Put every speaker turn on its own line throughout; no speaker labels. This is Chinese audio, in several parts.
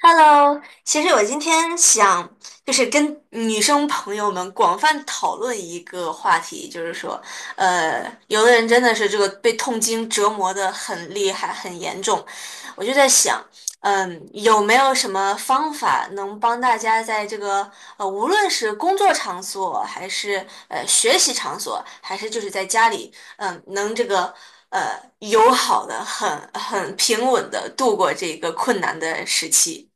Hello,其实我今天想就是跟女生朋友们广泛讨论一个话题，就是说，有的人真的是这个被痛经折磨的很厉害、很严重，我就在想，嗯，有没有什么方法能帮大家在这个无论是工作场所，还是学习场所，还是就是在家里，嗯，能这个。呃，友好的，很平稳的度过这个困难的时期。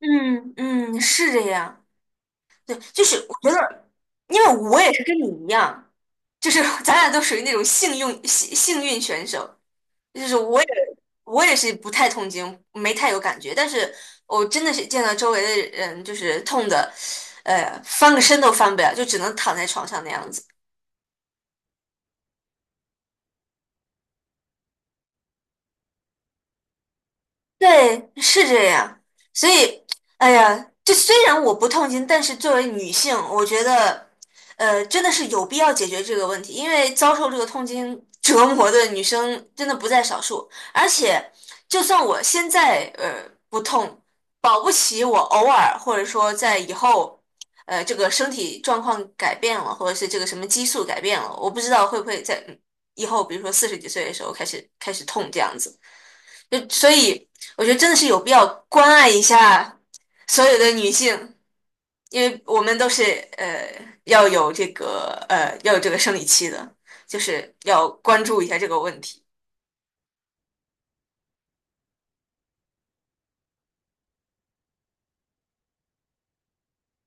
嗯嗯，是这样。对，就是我觉得，因为我也是跟你一样，就是 咱俩都属于那种幸运幸运选手，就是我也我也是不太痛经，没太有感觉，但是我真的是见到周围的人就是痛的，翻个身都翻不了，就只能躺在床上那样子。对，是这样。所以，哎呀，就虽然我不痛经，但是作为女性，我觉得，真的是有必要解决这个问题，因为遭受这个痛经折磨的女生真的不在少数。而且，就算我现在不痛，保不齐我偶尔或者说在以后，这个身体状况改变了，或者是这个什么激素改变了，我不知道会不会在以后，比如说四十几岁的时候开始痛这样子。就所以我觉得真的是有必要关爱一下所有的女性，因为我们都是呃要有这个要有这个生理期的，就是要关注一下这个问题。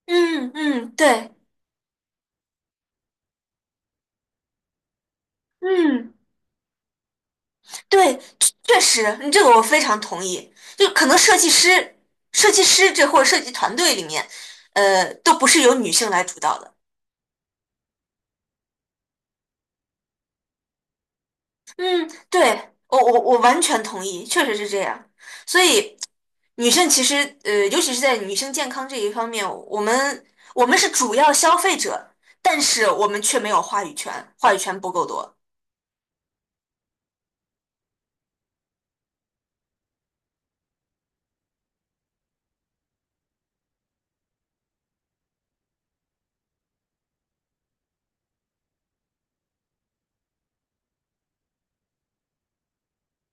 嗯嗯，对，嗯对，确实，你这个我非常同意。就可能设计师、设计师这或者设计团队里面，都不是由女性来主导的。嗯，对，我我完全同意，确实是这样。所以，女生其实尤其是在女生健康这一方面，我们我们是主要消费者，但是我们却没有话语权，话语权不够多，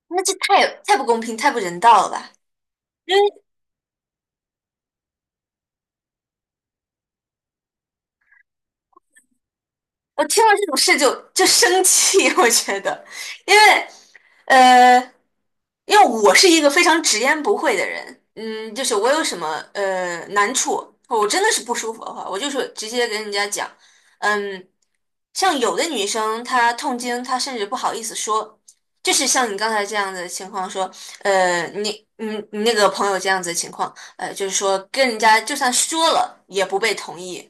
那这太不公平，太不人道了吧？我听了这种事就生气，我觉得，因为呃，因为我是一个非常直言不讳的人，嗯，就是我有什么难处，我真的是不舒服的话，我就是直接跟人家讲，嗯。像有的女生她痛经，她甚至不好意思说，就是像你刚才这样的情况说，你那个朋友这样子的情况，就是说跟人家就算说了也不被同意，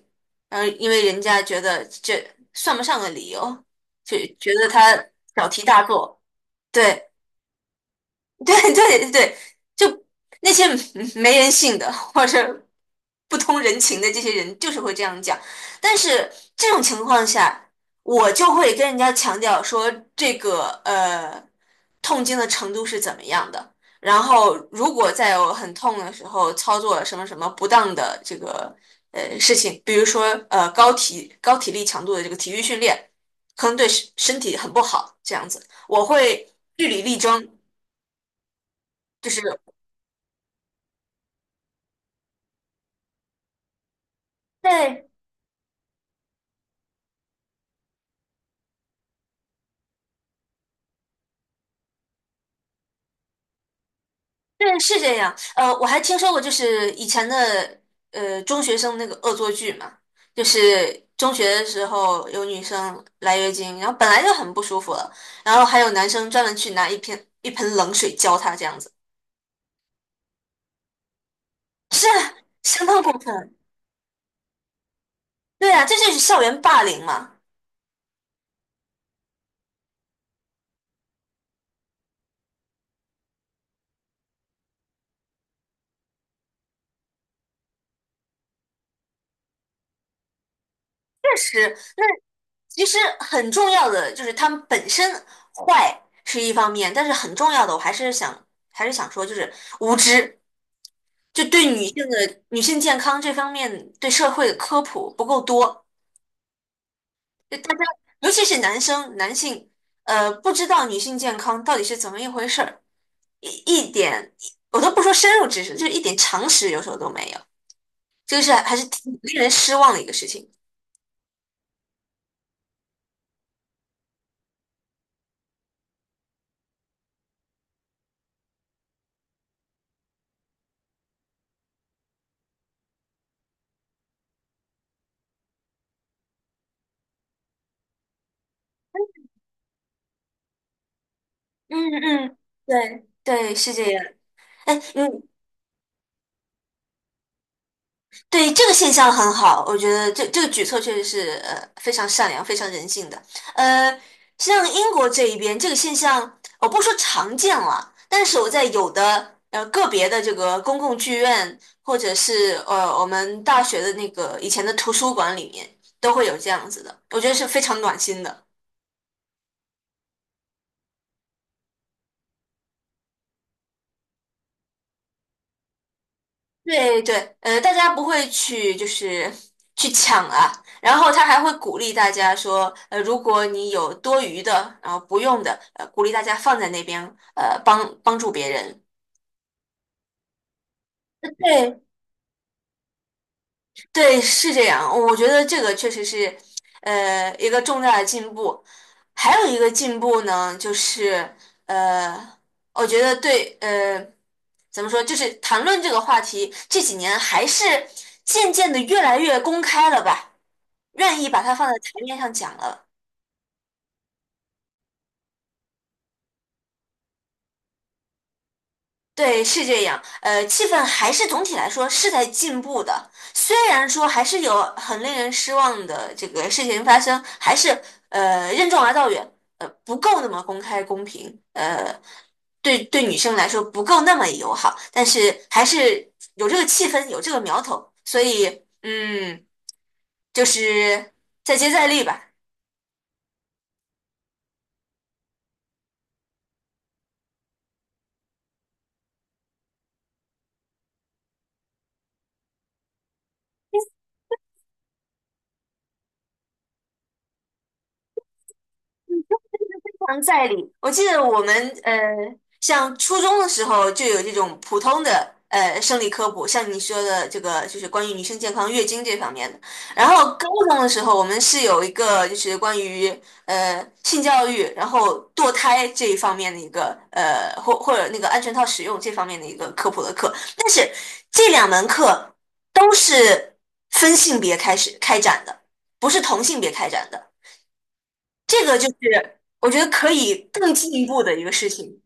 嗯、因为人家觉得这算不上个理由，就觉得他小题大做，对。对对对，就那些没人性的或者不通人情的这些人，就是会这样讲。但是这种情况下，我就会跟人家强调说，这个痛经的程度是怎么样的。然后，如果在有很痛的时候操作了什么什么不当的这个事情，比如说高体力强度的这个体育训练，可能对身体很不好，这样子，我会据理力争。就是。对对，是这样。我还听说过，就是以前的中学生那个恶作剧嘛，就是中学的时候有女生来月经，然后本来就很不舒服了，然后还有男生专门去拿一瓶一盆冷水浇她，这样子，是啊相当过分。对啊，这就是校园霸凌嘛。确实，那其实很重要的就是他们本身坏是一方面，但是很重要的我还是想说，就是无知。就对女性的女性健康这方面对社会的科普不够多，就大家尤其是男生男性，不知道女性健康到底是怎么一回事儿，一点我都不说深入知识，就是一点常识有时候都没有，这个是还是挺令人失望的一个事情。嗯嗯，对对，是这样。哎，嗯。对，这个现象很好，我觉得这个举措确实是非常善良、非常人性的。呃，像英国这一边这个现象，我不说常见了，但是我在有的个别的这个公共剧院，或者是我们大学的那个以前的图书馆里面，都会有这样子的，我觉得是非常暖心的。对对，大家不会去就是去抢啊，然后他还会鼓励大家说，如果你有多余的，然后不用的，鼓励大家放在那边，帮助别人。对对，是这样，我觉得这个确实是，一个重大的进步。还有一个进步呢，就是呃，我觉得对，怎么说，就是谈论这个话题这几年还是渐渐的越来越公开了吧。愿意把它放在台面上讲了。对，是这样。气氛还是总体来说是在进步的，虽然说还是有很令人失望的这个事情发生，还是任重而道远，不够那么公开公平，对女生来说不够那么友好，但是还是有这个气氛，有这个苗头，所以嗯，就是再接再厉吧。常在理。我记得我们像初中的时候就有这种普通的生理科普，像你说的这个就是关于女性健康、月经这方面的。然后高中的时候，我们是有一个就是关于性教育，然后堕胎这一方面的一个或者那个安全套使用这方面的一个科普的课。但是这两门课都是分性别开展的，不是同性别开展的。这个就是我觉得可以更进一步的一个事情，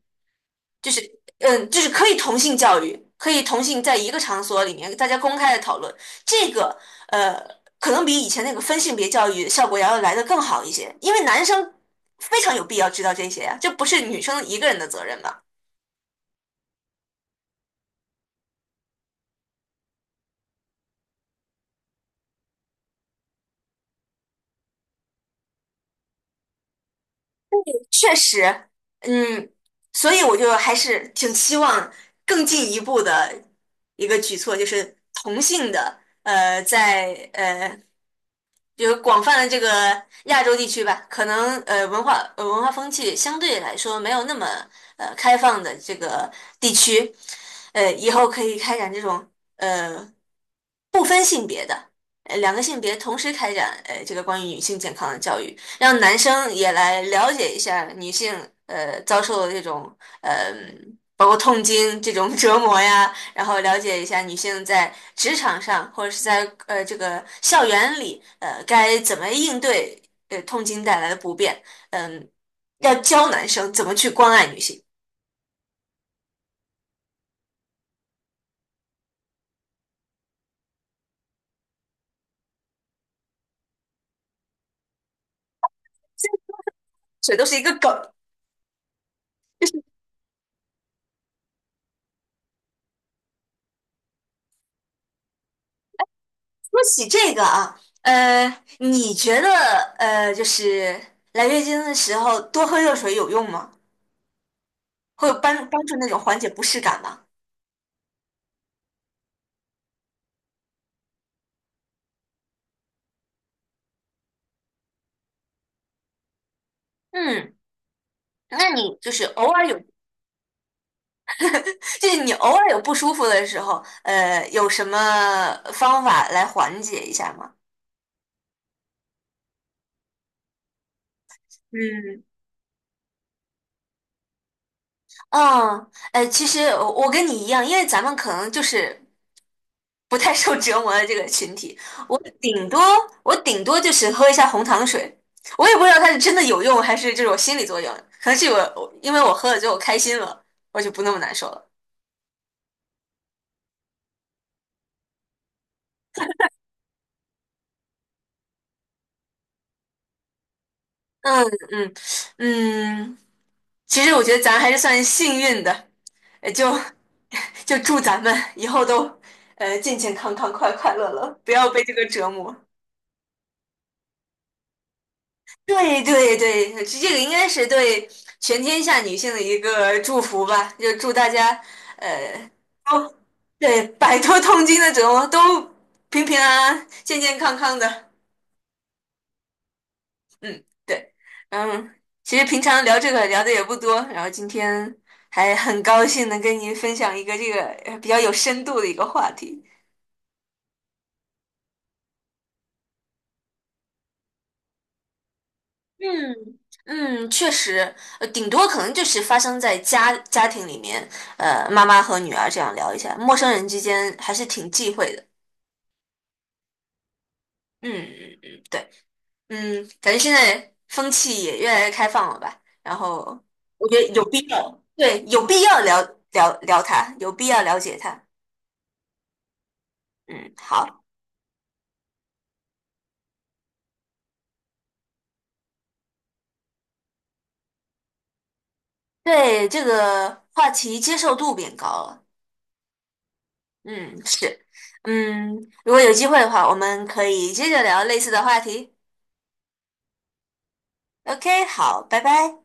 就是嗯，就是可以同性教育，可以同性在一个场所里面大家公开的讨论，这个呃，可能比以前那个分性别教育效果要来的更好一些，因为男生非常有必要知道这些呀，这不是女生一个人的责任吧？确实，嗯，所以我就还是挺期望更进一步的一个举措，就是同性的，在就是广泛的这个亚洲地区吧，可能文化文化风气相对来说没有那么开放的这个地区，以后可以开展这种呃不分性别的，两个性别同时开展这个关于女性健康的教育。让男生也来了解一下女性遭受的这种呃包括痛经这种 折磨呀，然后了解一下女性在职场上或者是在这个校园里该怎么应对痛经带来的不便，嗯、要教男生怎么去关爱女性，这都是一个梗。说起这个啊，你觉得就是来月经的时候多喝热水有用吗？会有帮助那种缓解不适感吗？嗯，那你就是偶尔有，就是你偶尔有不舒服的时候，有什么方法来缓解一下吗？嗯嗯，其实我我跟你一样，因为咱们可能就是不太受折磨的这个群体，我顶多我顶多就是喝一下红糖水，我也不知道它是真的有用还是这种心理作用，可能是我因为我喝了之后开心了，我就不那么难受了。嗯嗯嗯，其实我觉得咱还是算幸运的，就 就祝咱们以后都健健康康、快快乐乐，不要被这个折磨。对对对，这这个应该是对全天下女性的一个祝福吧，就祝大家呃都对摆脱痛经的折磨，都平平安安、健健康康的。嗯，对，嗯，其实平常聊这个聊的也不多，然后今天还很高兴能跟您分享一个这个比较有深度的一个话题。嗯嗯，确实，顶多可能就是发生在家庭里面，妈妈和女儿这样聊一下，陌生人之间还是挺忌讳的。嗯嗯嗯，对，嗯，感觉现在风气也越来越开放了吧？然后我觉得有必要，对，有必要了聊它，有必要了解它。嗯，好，对这个话题接受度变高了。嗯，是，嗯，如果有机会的话，我们可以接着聊类似的话题。OK,好，拜拜。